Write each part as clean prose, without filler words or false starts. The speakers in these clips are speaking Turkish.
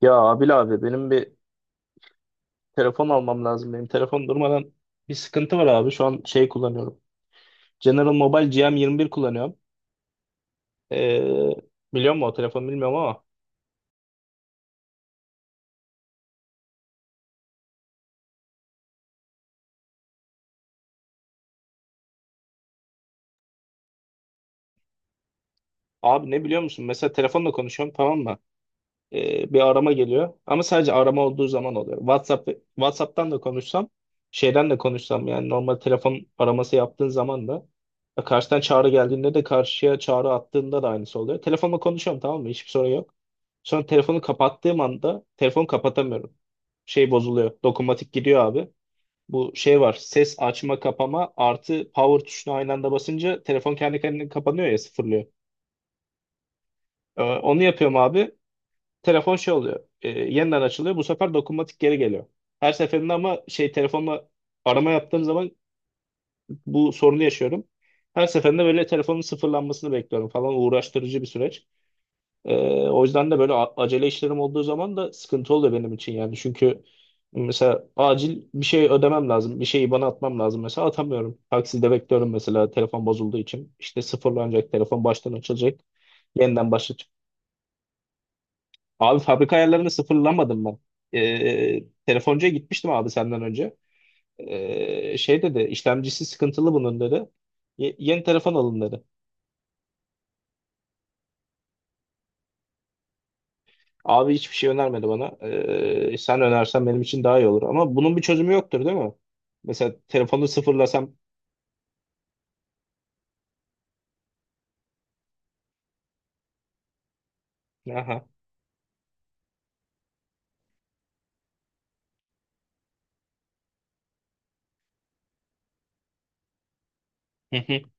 Ya, Abil abi, benim bir telefon almam lazım. Benim telefon durmadan bir sıkıntı var abi. Şu an şey kullanıyorum. General Mobile GM21 kullanıyorum. Ee, Biliyor musun? O telefonu bilmiyorum ama. Abi, ne biliyor musun? Mesela telefonla konuşuyorum, tamam mı? Bir arama geliyor. Ama sadece arama olduğu zaman oluyor. WhatsApp'tan da konuşsam, şeyden de konuşsam, yani normal telefon araması yaptığın zaman da karşıdan çağrı geldiğinde de karşıya çağrı attığında da aynısı oluyor. Telefonla konuşuyorum, tamam mı? Hiçbir sorun yok. Sonra telefonu kapattığım anda telefonu kapatamıyorum. Şey bozuluyor. Dokunmatik gidiyor abi. Bu şey var. Ses açma kapama artı power tuşuna aynı anda basınca telefon kendi kendine kapanıyor ya sıfırlıyor. Onu yapıyorum abi. Telefon şey oluyor. Yeniden açılıyor. Bu sefer dokunmatik geri geliyor. Her seferinde ama şey telefonla arama yaptığım zaman bu sorunu yaşıyorum. Her seferinde böyle telefonun sıfırlanmasını bekliyorum falan, uğraştırıcı bir süreç. E, O yüzden de böyle acele işlerim olduğu zaman da sıkıntı oluyor benim için yani. Çünkü mesela acil bir şey ödemem lazım. Bir şeyi bana atmam lazım mesela, atamıyorum. Takside bekliyorum mesela, telefon bozulduğu için. İşte sıfırlanacak telefon, baştan açılacak. Yeniden başlatacak. Abi, fabrika ayarlarını sıfırlamadım ben. Telefoncuya gitmiştim abi, senden önce. Şey dedi, işlemcisi sıkıntılı bunun dedi. " Yeni telefon alın dedi. Abi, hiçbir şey önermedi bana. Sen önersen benim için daha iyi olur. Ama bunun bir çözümü yoktur değil mi? Mesela telefonu sıfırlasam. Aha.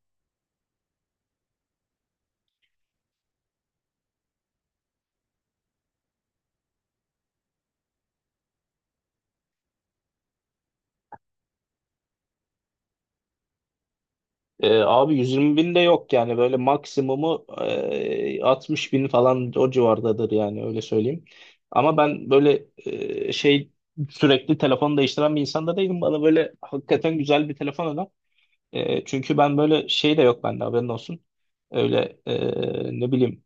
Abi, 120 bin de yok yani, böyle maksimumu 60 bin falan, o civardadır yani, öyle söyleyeyim. Ama ben böyle şey sürekli telefon değiştiren bir insan da değilim. Bana böyle hakikaten güzel bir telefon öner. Çünkü ben böyle şey de yok bende, haberin olsun. Öyle ne bileyim,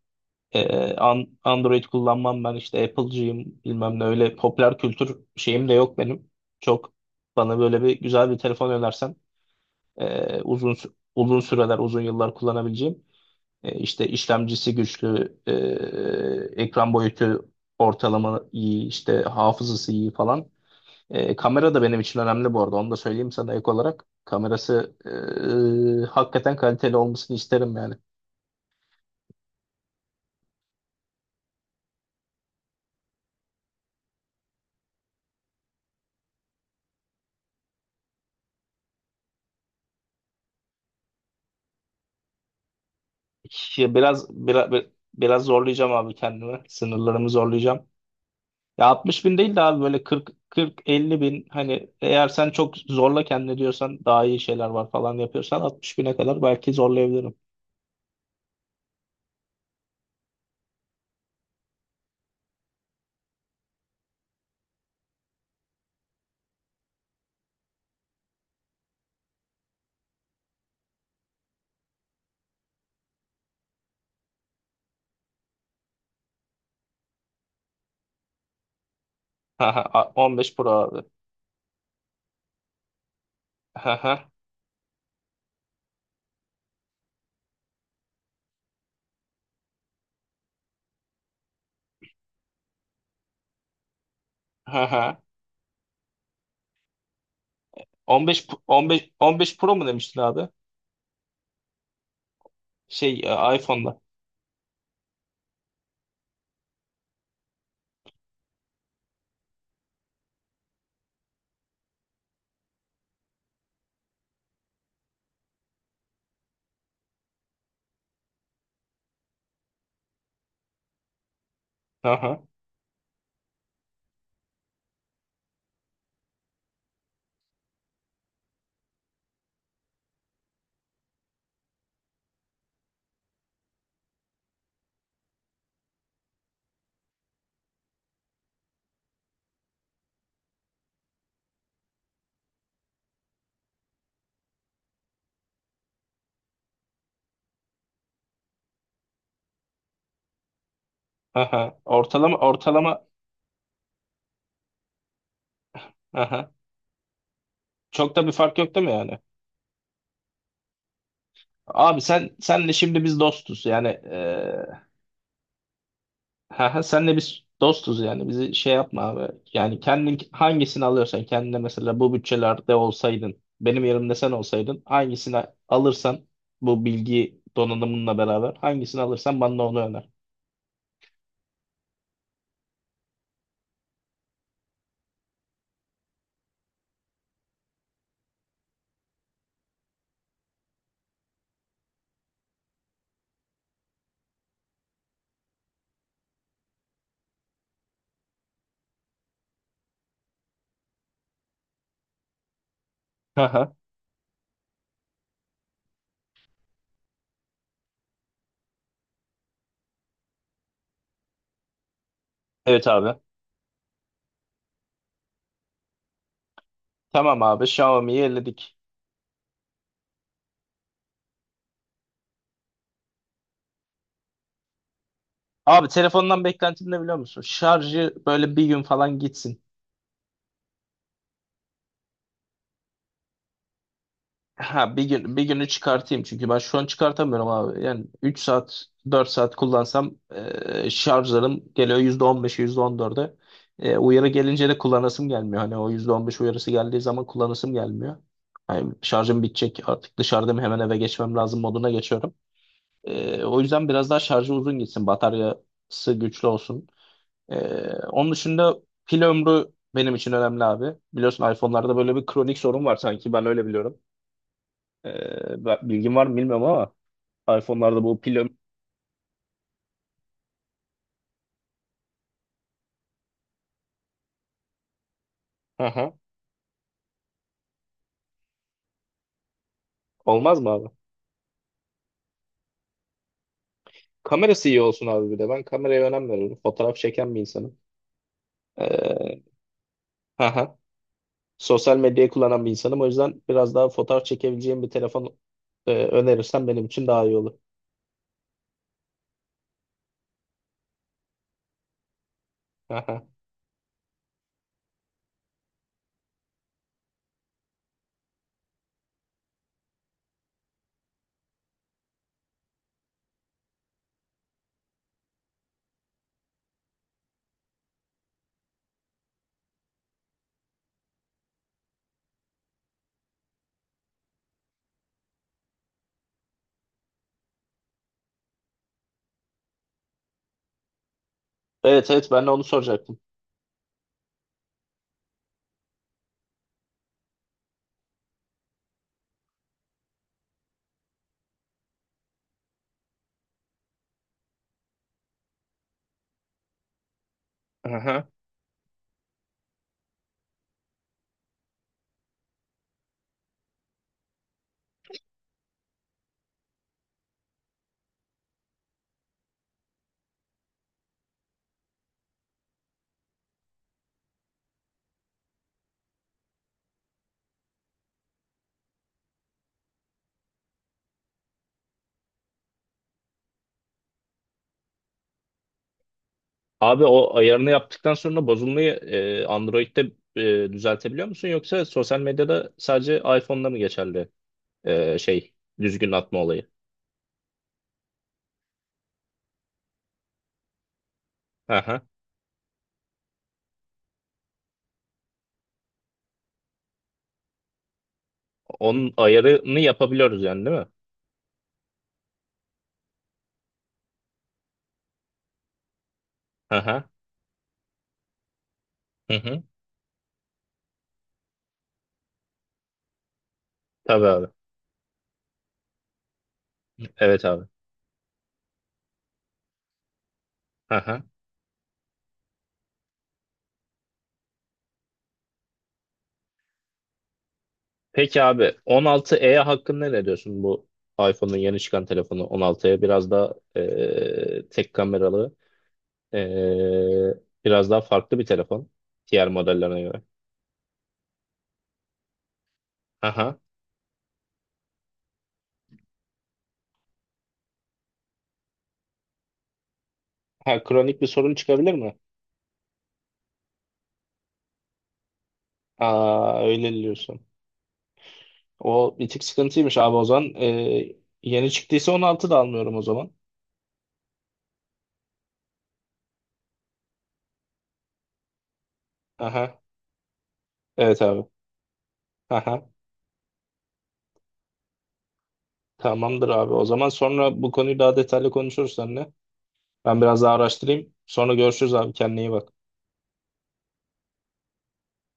Android kullanmam ben, işte Apple'cıyım bilmem ne, öyle popüler kültür şeyim de yok benim. Çok bana böyle bir güzel bir telefon önersen uzun uzun süreler, uzun yıllar kullanabileceğim. İşte işlemcisi güçlü, ekran boyutu ortalama iyi, işte hafızası iyi falan. Kamera da benim için önemli bu arada. Onu da söyleyeyim sana ek olarak. Kamerası hakikaten kaliteli olmasını isterim yani. Ya, biraz zorlayacağım abi kendimi. Sınırlarımı zorlayacağım. Ya, 60 bin değil de abi, böyle 40 40-50 bin, hani eğer sen çok zorla kendini diyorsan, daha iyi şeyler var falan yapıyorsan 60 bine kadar belki zorlayabilirim. Haha, 15 Pro abi. Haha, haha. 15 P- 15 15 Pro mu demiştin abi? Şey, iPhone'da. Haha, haha. Ortalama ortalama, haha. Çok da bir fark yok değil mi yani? Abi, senle şimdi biz dostuz yani, ha, ha, senle biz dostuz yani, bizi şey yapma abi. Yani kendin hangisini alıyorsan kendine, mesela bu bütçelerde olsaydın, benim yerimde sen olsaydın hangisini alırsan, bu bilgi donanımınla beraber hangisini alırsan bana onu öner. Ha, ha. Evet abi. Tamam abi, Xiaomi'yi elledik. Abi, telefondan beklentim ne biliyor musun? Şarjı böyle bir gün falan gitsin. Ha, bir gün, bir günü çıkartayım, çünkü ben şu an çıkartamıyorum abi. Yani 3 saat, 4 saat kullansam şarjlarım geliyor yüzde on beşe, yüzde on %14'e. Uyarı gelince de kullanasım gelmiyor. Hani o %15 uyarısı geldiği zaman kullanasım gelmiyor. Yani şarjım bitecek artık, dışarıdayım, hemen eve geçmem lazım moduna geçiyorum. O yüzden biraz daha şarjı uzun gitsin, bataryası güçlü olsun. E, Onun dışında pil ömrü benim için önemli abi. Biliyorsun iPhone'larda böyle bir kronik sorun var sanki, ben öyle biliyorum. Bilgin var mı bilmiyorum ama iPhone'larda bu pil öm- Aha. Olmaz mı abi? Kamerası iyi olsun abi bir de. Ben kameraya önem veriyorum. Fotoğraf çeken bir insanım. Ee, aha. Sosyal medyayı kullanan bir insanım. O yüzden biraz daha fotoğraf çekebileceğim bir telefon önerirsen benim için daha iyi olur. Aha. Evet, evet, ben de onu soracaktım. Aha. Abi, o ayarını yaptıktan sonra bozulmayı Android'de düzeltebiliyor musun? Yoksa sosyal medyada sadece iPhone'da mı geçerli şey, düzgün atma olayı? Onun ayarını yapabiliyoruz yani, değil mi? Hı hı. Hı hı. Tabii abi. Evet abi. Hı hı. Peki abi, 16e hakkında ne diyorsun? Bu iPhone'un yeni çıkan telefonu 16e, biraz daha tek kameralı, e, biraz daha farklı bir telefon diğer modellerine göre. Hı hı. Ha, kronik bir sorun çıkabilir mi? Aa, öyle diyorsun. O bir tık sıkıntıymış abi o zaman. Yeni çıktıysa 16 da almıyorum o zaman. Aha. Evet abi. Aha. Tamamdır abi. O zaman sonra bu konuyu daha detaylı konuşuruz seninle. Ben biraz daha araştırayım. Sonra görüşürüz abi. Kendine iyi bak.